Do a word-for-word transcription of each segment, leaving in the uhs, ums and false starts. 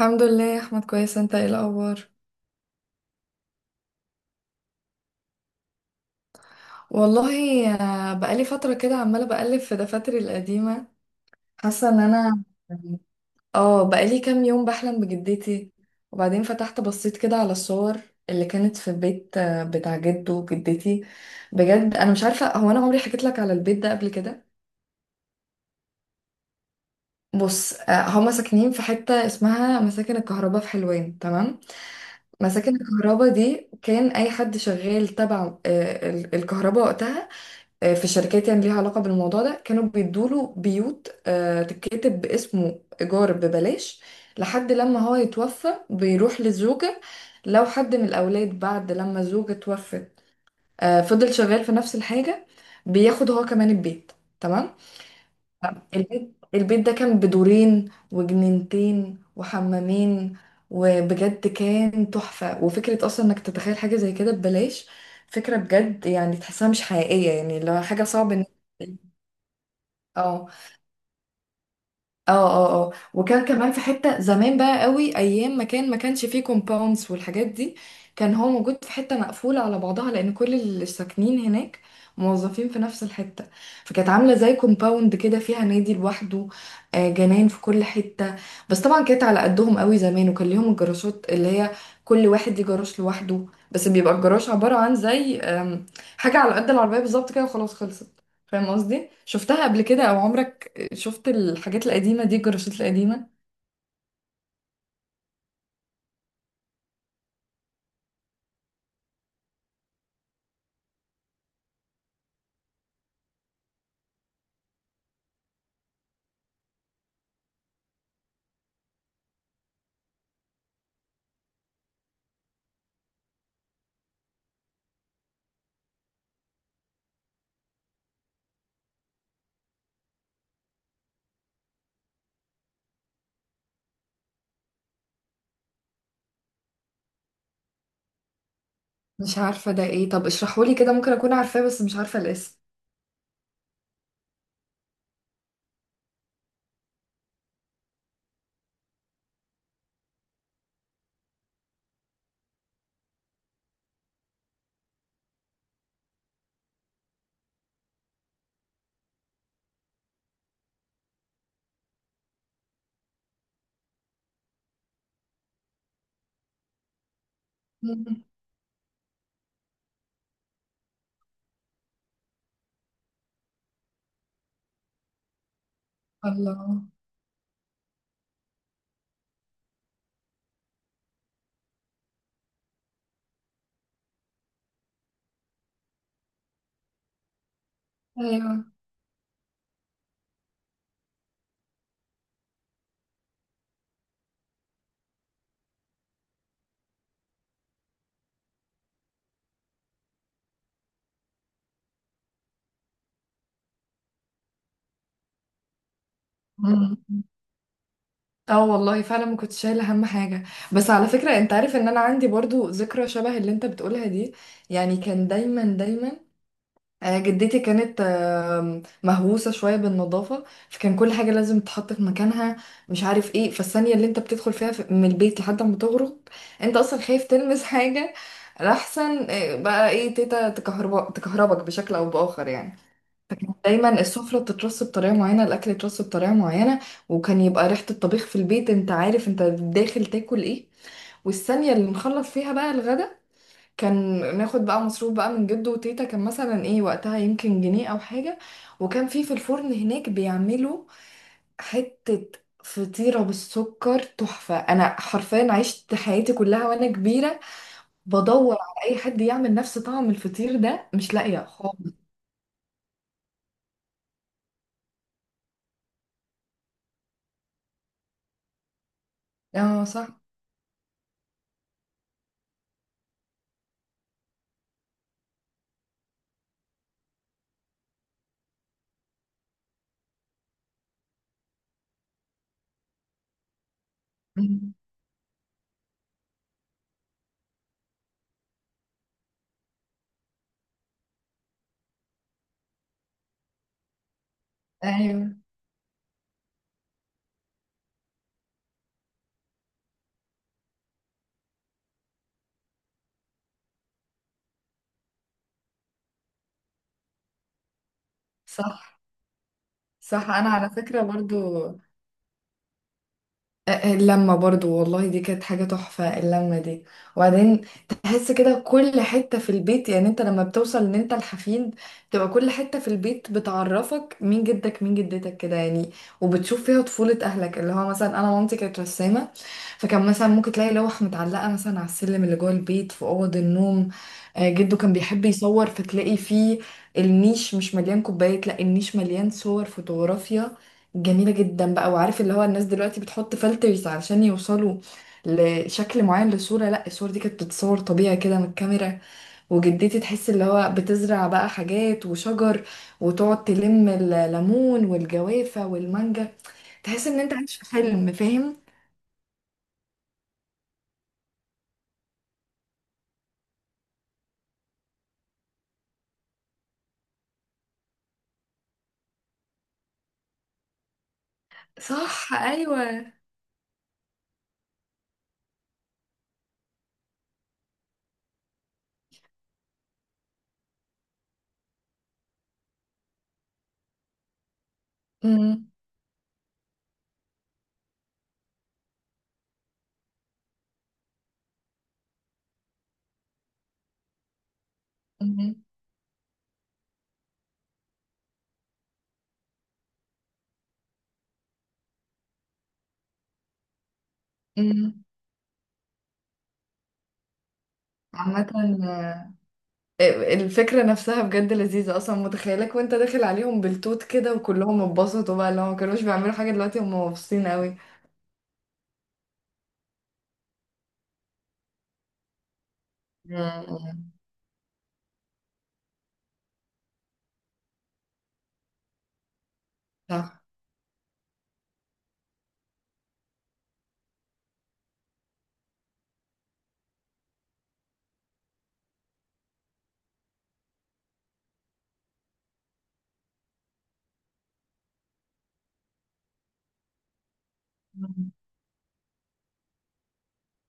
الحمد لله يا احمد، كويس. انت ايه الاخبار؟ والله آه، بقالي فتره كده عماله بقلب في دفاتري القديمه. حاسه ان انا يعني، اه بقالي كام يوم بحلم بجدتي. وبعدين فتحت بصيت كده على الصور اللي كانت في البيت، آه، بتاع جده وجدتي. بجد انا مش عارفه، هو انا عمري حكيت لك على البيت ده قبل كده؟ بص، آه، هما ساكنين في حته اسمها مساكن الكهرباء في حلوان، تمام. مساكن الكهرباء دي كان اي حد شغال تبع آه، ال- الكهرباء وقتها، آه، في شركات يعني ليها علاقة بالموضوع ده، كانوا بيدوله بيوت آه، تتكتب باسمه إيجار ببلاش لحد لما هو يتوفى بيروح للزوجة. لو حد من الأولاد بعد لما الزوجة توفت آه، فضل شغال في نفس الحاجة، بياخد هو كمان البيت، تمام. البيت البيت ده كان بدورين وجنينتين وحمامين. وبجد كان تحفة. وفكرة أصلا إنك تتخيل حاجة زي كده ببلاش، فكرة بجد يعني تحسها مش حقيقية، يعني لو حاجة صعب. اه اه اه اه وكان كمان في حتة زمان بقى قوي، ايام ما كان ما كانش فيه كومباوندز والحاجات دي. كان هو موجود في حتة مقفولة على بعضها، لان كل اللي ساكنين هناك موظفين في نفس الحتة. فكانت عاملة زي كومباوند كده، فيها نادي لوحده، آه، جنان في كل حتة. بس طبعا كانت على قدهم قوي زمان. وكان ليهم الجراشات اللي هي كل واحد ليه جراج لوحده، بس بيبقى الجراج عبارة عن زي آم، حاجة على قد العربية بالظبط كده وخلاص خلصت. فاهم قصدي؟ شفتها قبل كده او عمرك شفت الحاجات القديمة دي، الجراشات القديمة؟ مش عارفة ده ايه، طب اشرحهولي كده، ممكن اكون عارفاه بس مش عارفة الاسم. مم. الله. ايوه. مم. اه والله فعلا ما كنتش شايله هم حاجه. بس على فكره، انت عارف ان انا عندي برضو ذكرى شبه اللي انت بتقولها دي؟ يعني كان دايما دايما آه، جدتي كانت آم، مهووسة شوية بالنظافة، فكان كل حاجة لازم تتحط في مكانها، مش عارف ايه. فالثانية اللي انت بتدخل فيها في- من البيت لحد ما تغرق، انت اصلا خايف تلمس حاجة لأحسن آه، بقى ايه، تيتا تكهربا- تكهربك بشكل او بآخر يعني. فكانت دايما السفرة بتترص بطريقة معينة، الأكل يترص بطريقة معينة، وكان يبقى ريحة الطبيخ في البيت، انت عارف انت داخل تاكل ايه. والثانية اللي نخلص فيها بقى الغدا كان ناخد بقى مصروف بقى من جده وتيتا، كان مثلا ايه وقتها، يمكن جنيه او حاجة. وكان في في الفرن هناك بيعملوا حتة فطيرة بالسكر تحفة. انا حرفيا عشت حياتي كلها وانا كبيرة بدور على اي حد يعمل نفس طعم الفطير ده، مش لاقية خالص. اه صح. مم. ايوه. صح صح. انا على فكرة برضو اللمة برضو، والله دي كانت حاجة تحفة اللمة دي. وبعدين تحس كده كل حتة في البيت، يعني انت لما بتوصل ان انت الحفيد تبقى كل حتة في البيت بتعرفك، مين جدك مين جدتك كده يعني. وبتشوف فيها طفولة اهلك، اللي هو مثلا انا مامتي كانت رسامة، فكان مثلا ممكن تلاقي لوح متعلقة مثلا على السلم اللي جوه البيت في أوض النوم. آه، جده كان بيحب يصور فتلاقي فيه النيش مش مليان كوبايات، لا النيش مليان صور فوتوغرافيا جميلة جدا بقى. وعارف اللي هو الناس دلوقتي بتحط فلترز علشان يوصلوا لشكل معين للصورة؟ لا، الصور دي كانت بتتصور طبيعي كده من الكاميرا. وجدتي تحس اللي هو بتزرع بقى حاجات وشجر، وتقعد تلم الليمون والجوافة والمانجا، تحس ان انت عايش في حلم، فاهم. صح. ايوه. امم. امم. امم. عامة الفكرة نفسها بجد لذيذة، أصلا متخيلك وأنت داخل عليهم بالتوت كده وكلهم اتبسطوا بقى، اللي هو مكانوش بيعملوا حاجة دلوقتي هم مبسوطين قوي. مم. صح.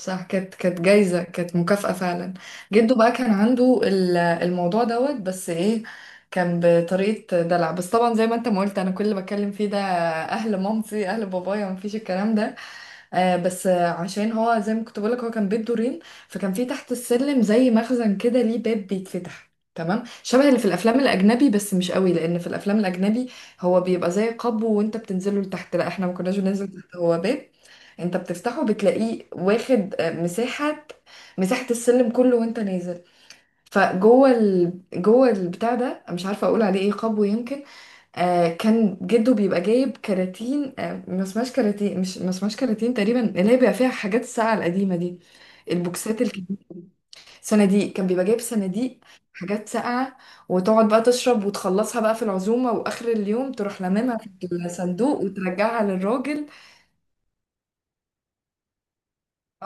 صح كانت كانت جايزة، كانت مكافأة فعلا. جده بقى كان عنده ال- الموضوع دوت بس ايه، كان بطريقة دلع. بس طبعا زي ما انت ما قلت، انا كل اللي بتكلم فيه ده اهل مامتي، اهل بابايا مفيش الكلام ده. آه بس آه، عشان هو زي ما كنت بقولك هو كان بيت دورين، فكان في تحت السلم زي مخزن كده ليه باب بيتفتح، تمام، شبه اللي في الافلام الاجنبي بس مش قوي، لان في الافلام الاجنبي هو بيبقى زي قبو وانت بتنزله لتحت. لا احنا ما كناش بننزل تحت، هو باب انت بتفتحه بتلاقيه واخد آه، مساحة، مساحة السلم كله وانت نازل. فجوه ال... جوه البتاع ده مش عارفه اقول عليه ايه، قبو يمكن. آه كان جده بيبقى جايب كراتين، آه ما اسمهاش كراتين مش ما اسمهاش كراتين تقريبا، اللي هي بيبقى فيها حاجات الساقعة القديمة دي، البوكسات الكبيرة دي. صناديق، كان بيبقى جايب صناديق حاجات ساقعة، وتقعد بقى تشرب وتخلصها بقى في العزومة، وآخر اليوم تروح لممها في الصندوق وترجعها للراجل.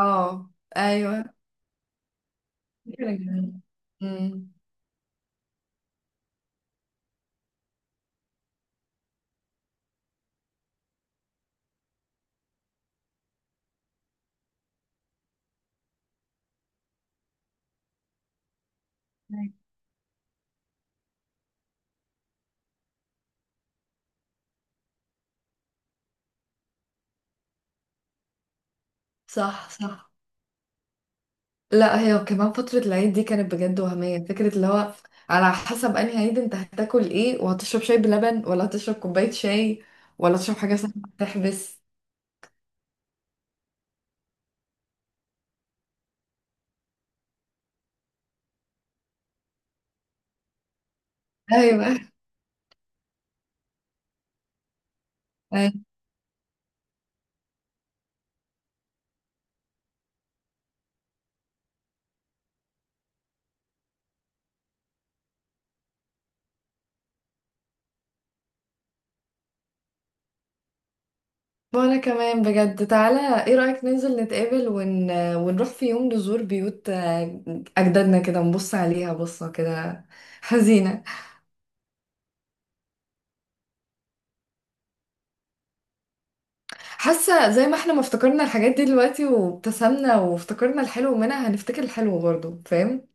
اه. ايوه. فكرة جميلة. أمم، صح. صح. لا هي كمان فترة العيد دي كانت بجد وهمية. فكرة اللي هو على حسب انهي عيد انت هتاكل ايه، وهتشرب شاي بلبن ولا هتشرب كوباية شاي، ولا تشرب حاجة سخنة تحبس. ايوه. ايوه. وانا كمان بجد. تعالى ايه رأيك ننزل نتقابل ون... ونروح في يوم نزور بيوت آه، اجدادنا كده، نبص عليها بصة كده حزينة. حاسة زي ما احنا ما افتكرنا الحاجات دي دلوقتي وابتسمنا وافتكرنا الحلو منها، هنفتكر الحلو برضه، فاهم.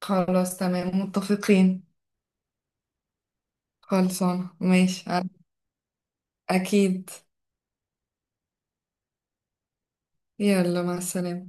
خلاص تمام، متفقين. خلصانة ماشي. أكيد. يلا مع السلامة.